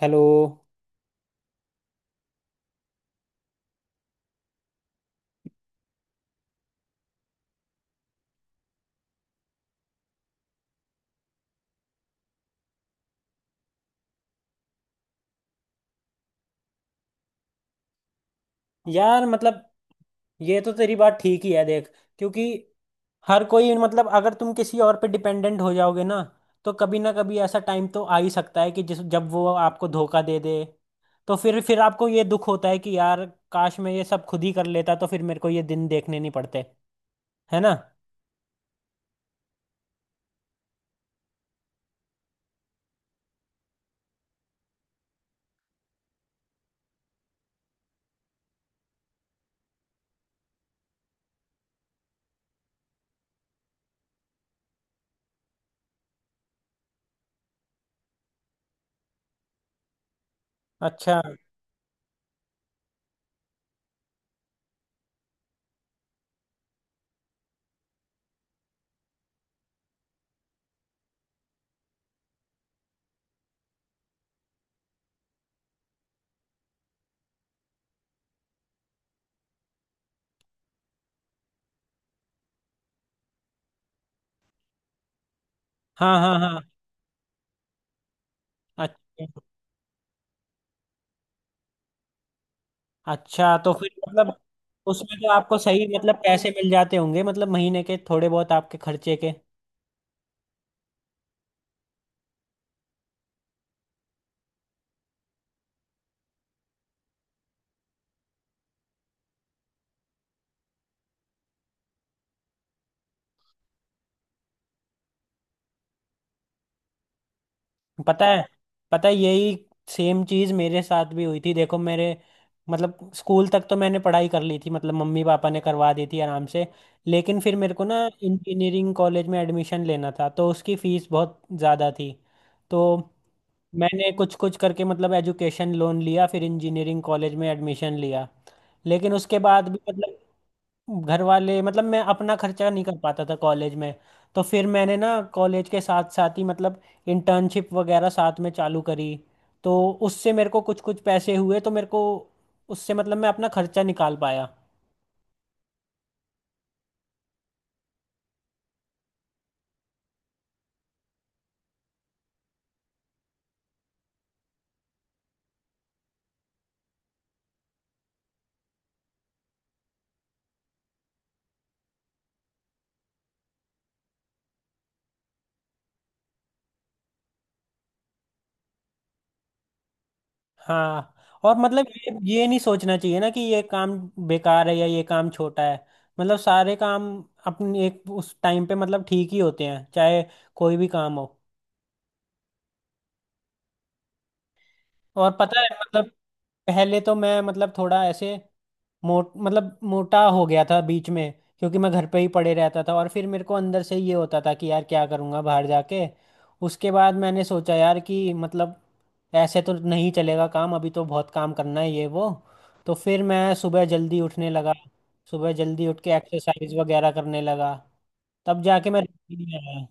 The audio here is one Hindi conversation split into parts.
हेलो। यार मतलब ये तो तेरी बात ठीक ही है, देख, क्योंकि हर कोई मतलब अगर तुम किसी और पे डिपेंडेंट हो जाओगे ना, तो कभी ना कभी ऐसा टाइम तो आ ही सकता है कि जिस जब वो आपको धोखा दे दे, तो फिर आपको ये दुख होता है कि यार, काश मैं ये सब खुद ही कर लेता तो फिर मेरे को ये दिन देखने नहीं पड़ते। है ना। अच्छा। हाँ हाँ हाँ। अच्छा, अच्छा तो फिर मतलब उसमें तो आपको सही मतलब पैसे मिल जाते होंगे, मतलब महीने के थोड़े बहुत आपके खर्चे के। पता है, पता है, यही सेम चीज मेरे साथ भी हुई थी। देखो मेरे मतलब स्कूल तक तो मैंने पढ़ाई कर ली थी, मतलब मम्मी पापा ने करवा दी थी आराम से, लेकिन फिर मेरे को ना इंजीनियरिंग कॉलेज में एडमिशन लेना था, तो उसकी फीस बहुत ज़्यादा थी। तो मैंने कुछ कुछ करके मतलब एजुकेशन लोन लिया, फिर इंजीनियरिंग कॉलेज में एडमिशन लिया। लेकिन उसके बाद भी मतलब घर वाले मतलब मैं अपना खर्चा नहीं कर पाता था कॉलेज में। तो फिर मैंने ना कॉलेज के साथ साथ ही मतलब इंटर्नशिप वगैरह साथ में चालू करी। तो उससे मेरे को कुछ कुछ पैसे हुए, तो मेरे को उससे मतलब मैं अपना खर्चा निकाल पाया। हाँ, और मतलब ये नहीं सोचना चाहिए ना कि ये काम बेकार है या ये काम छोटा है। मतलब सारे काम अपने एक उस टाइम पे मतलब ठीक ही होते हैं, चाहे कोई भी काम हो। और पता है मतलब पहले तो मैं मतलब थोड़ा ऐसे मोटा हो गया था बीच में, क्योंकि मैं घर पे ही पड़े रहता था, और फिर मेरे को अंदर से ये होता था कि यार क्या करूँगा बाहर जाके। उसके बाद मैंने सोचा यार कि मतलब ऐसे तो नहीं चलेगा काम, अभी तो बहुत काम करना है ये वो। तो फिर मैं सुबह जल्दी उठने लगा, सुबह जल्दी उठ के एक्सरसाइज वगैरह करने लगा। तब जाके मैं routine में आया।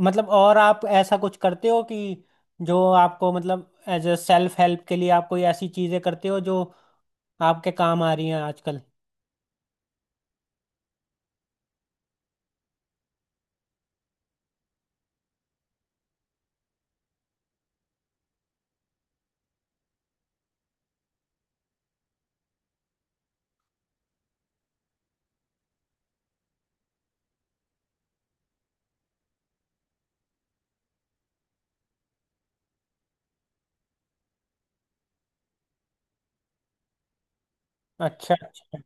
मतलब और आप ऐसा कुछ करते हो कि जो आपको मतलब एज अ सेल्फ हेल्प के लिए आप कोई ऐसी चीज़ें करते हो जो आपके काम आ रही हैं आजकल? अच्छा अच्छा।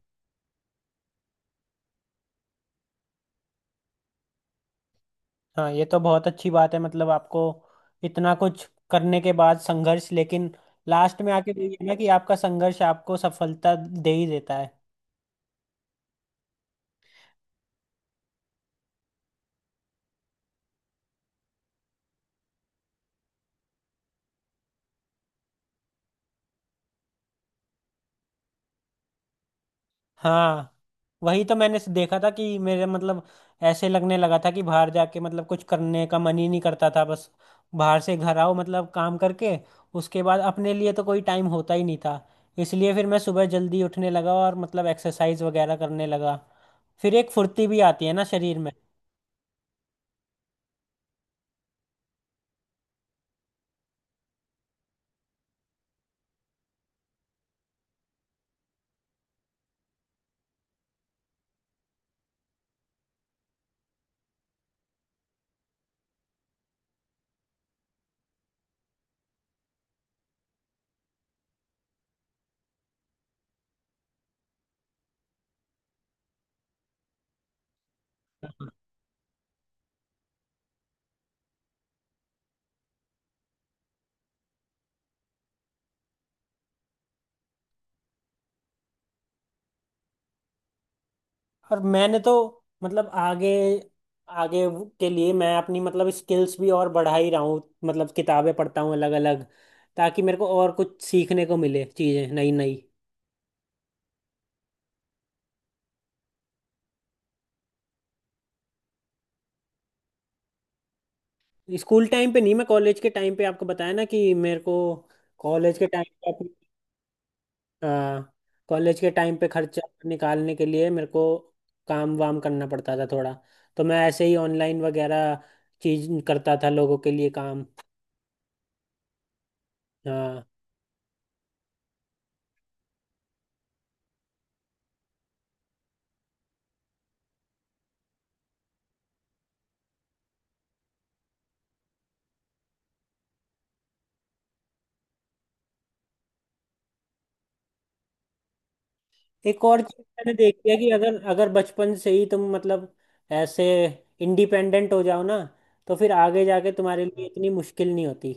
हाँ, ये तो बहुत अच्छी बात है, मतलब आपको इतना कुछ करने के बाद संघर्ष, लेकिन लास्ट में आके वही है ना कि आपका संघर्ष आपको सफलता दे ही देता है। हाँ, वही तो मैंने देखा था कि मेरे मतलब ऐसे लगने लगा था कि बाहर जाके मतलब कुछ करने का मन ही नहीं करता था, बस बाहर से घर आओ मतलब काम करके, उसके बाद अपने लिए तो कोई टाइम होता ही नहीं था। इसलिए फिर मैं सुबह जल्दी उठने लगा और मतलब एक्सरसाइज वगैरह करने लगा, फिर एक फुर्ती भी आती है ना शरीर में। और मैंने तो मतलब आगे आगे के लिए मैं अपनी मतलब स्किल्स भी और बढ़ा ही रहा हूँ, मतलब किताबें पढ़ता हूँ अलग अलग, ताकि मेरे को और कुछ सीखने को मिले चीज़ें नई नई। स्कूल टाइम पे नहीं, मैं कॉलेज के टाइम पे आपको बताया ना, कि मेरे को कॉलेज के टाइम पे अपनी, हाँ, कॉलेज के टाइम पे खर्चा निकालने के लिए मेरे को काम वाम करना पड़ता था थोड़ा। तो मैं ऐसे ही ऑनलाइन वगैरह चीज करता था लोगों के लिए काम। हाँ। एक और चीज मैंने देखी है कि अगर अगर बचपन से ही तुम मतलब ऐसे इंडिपेंडेंट हो जाओ ना, तो फिर आगे जाके तुम्हारे लिए इतनी मुश्किल नहीं होती,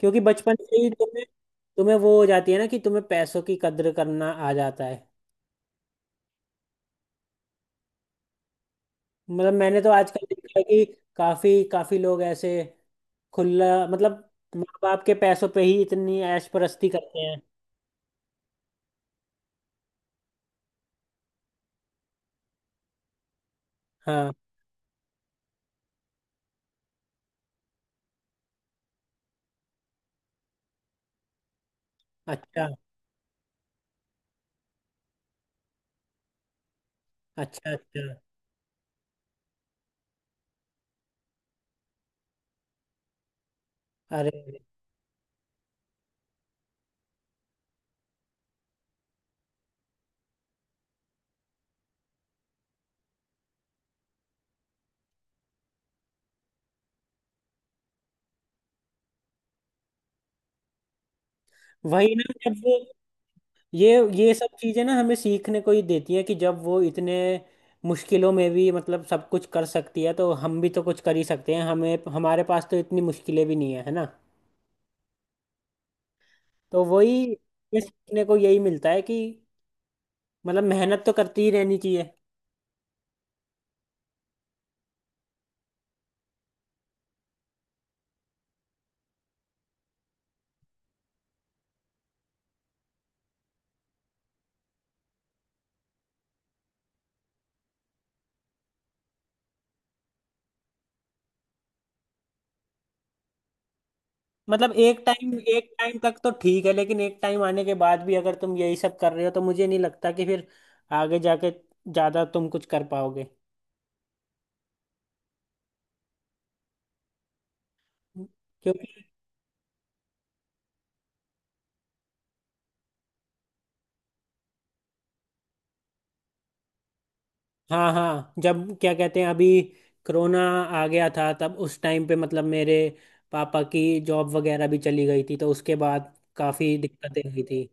क्योंकि बचपन से ही तुम्हें तुम्हें वो हो जाती है ना कि तुम्हें पैसों की कद्र करना आ जाता है। मतलब मैंने तो आजकल देखा है कि काफी काफी लोग ऐसे खुला मतलब माँ बाप के पैसों पे ही इतनी ऐश परस्ती करते हैं। हाँ। अच्छा अच्छा अच्छा। अरे वही ना, जब वो ये ये सब चीज़ें ना हमें सीखने को ही देती है कि जब वो इतने मुश्किलों में भी मतलब सब कुछ कर सकती है, तो हम भी तो कुछ कर ही सकते हैं, हमें हमारे पास तो इतनी मुश्किलें भी नहीं है, है ना। तो वही ये सीखने को यही मिलता है कि मतलब मेहनत तो करती ही रहनी चाहिए। मतलब एक टाइम तक तो ठीक है, लेकिन एक टाइम आने के बाद भी अगर तुम यही सब कर रहे हो, तो मुझे नहीं लगता कि फिर आगे जाके ज़्यादा तुम कुछ कर पाओगे। क्योंकि हाँ हाँ, जब क्या कहते हैं, अभी कोरोना आ गया था तब उस टाइम पे मतलब मेरे पापा की जॉब वगैरह भी चली गई थी, तो उसके बाद काफ़ी दिक्कतें हुई थी।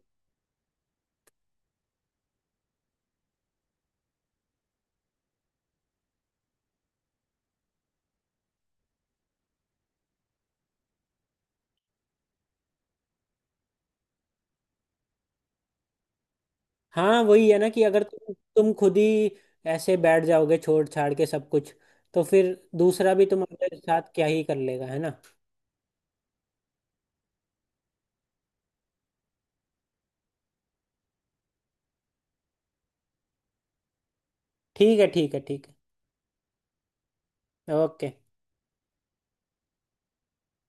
हाँ, वही है ना कि अगर तुम खुद ही ऐसे बैठ जाओगे छोड़ छाड़ के सब कुछ, तो फिर दूसरा भी तुम्हारे साथ क्या ही कर लेगा, है ना। ठीक है ठीक है ठीक है ओके।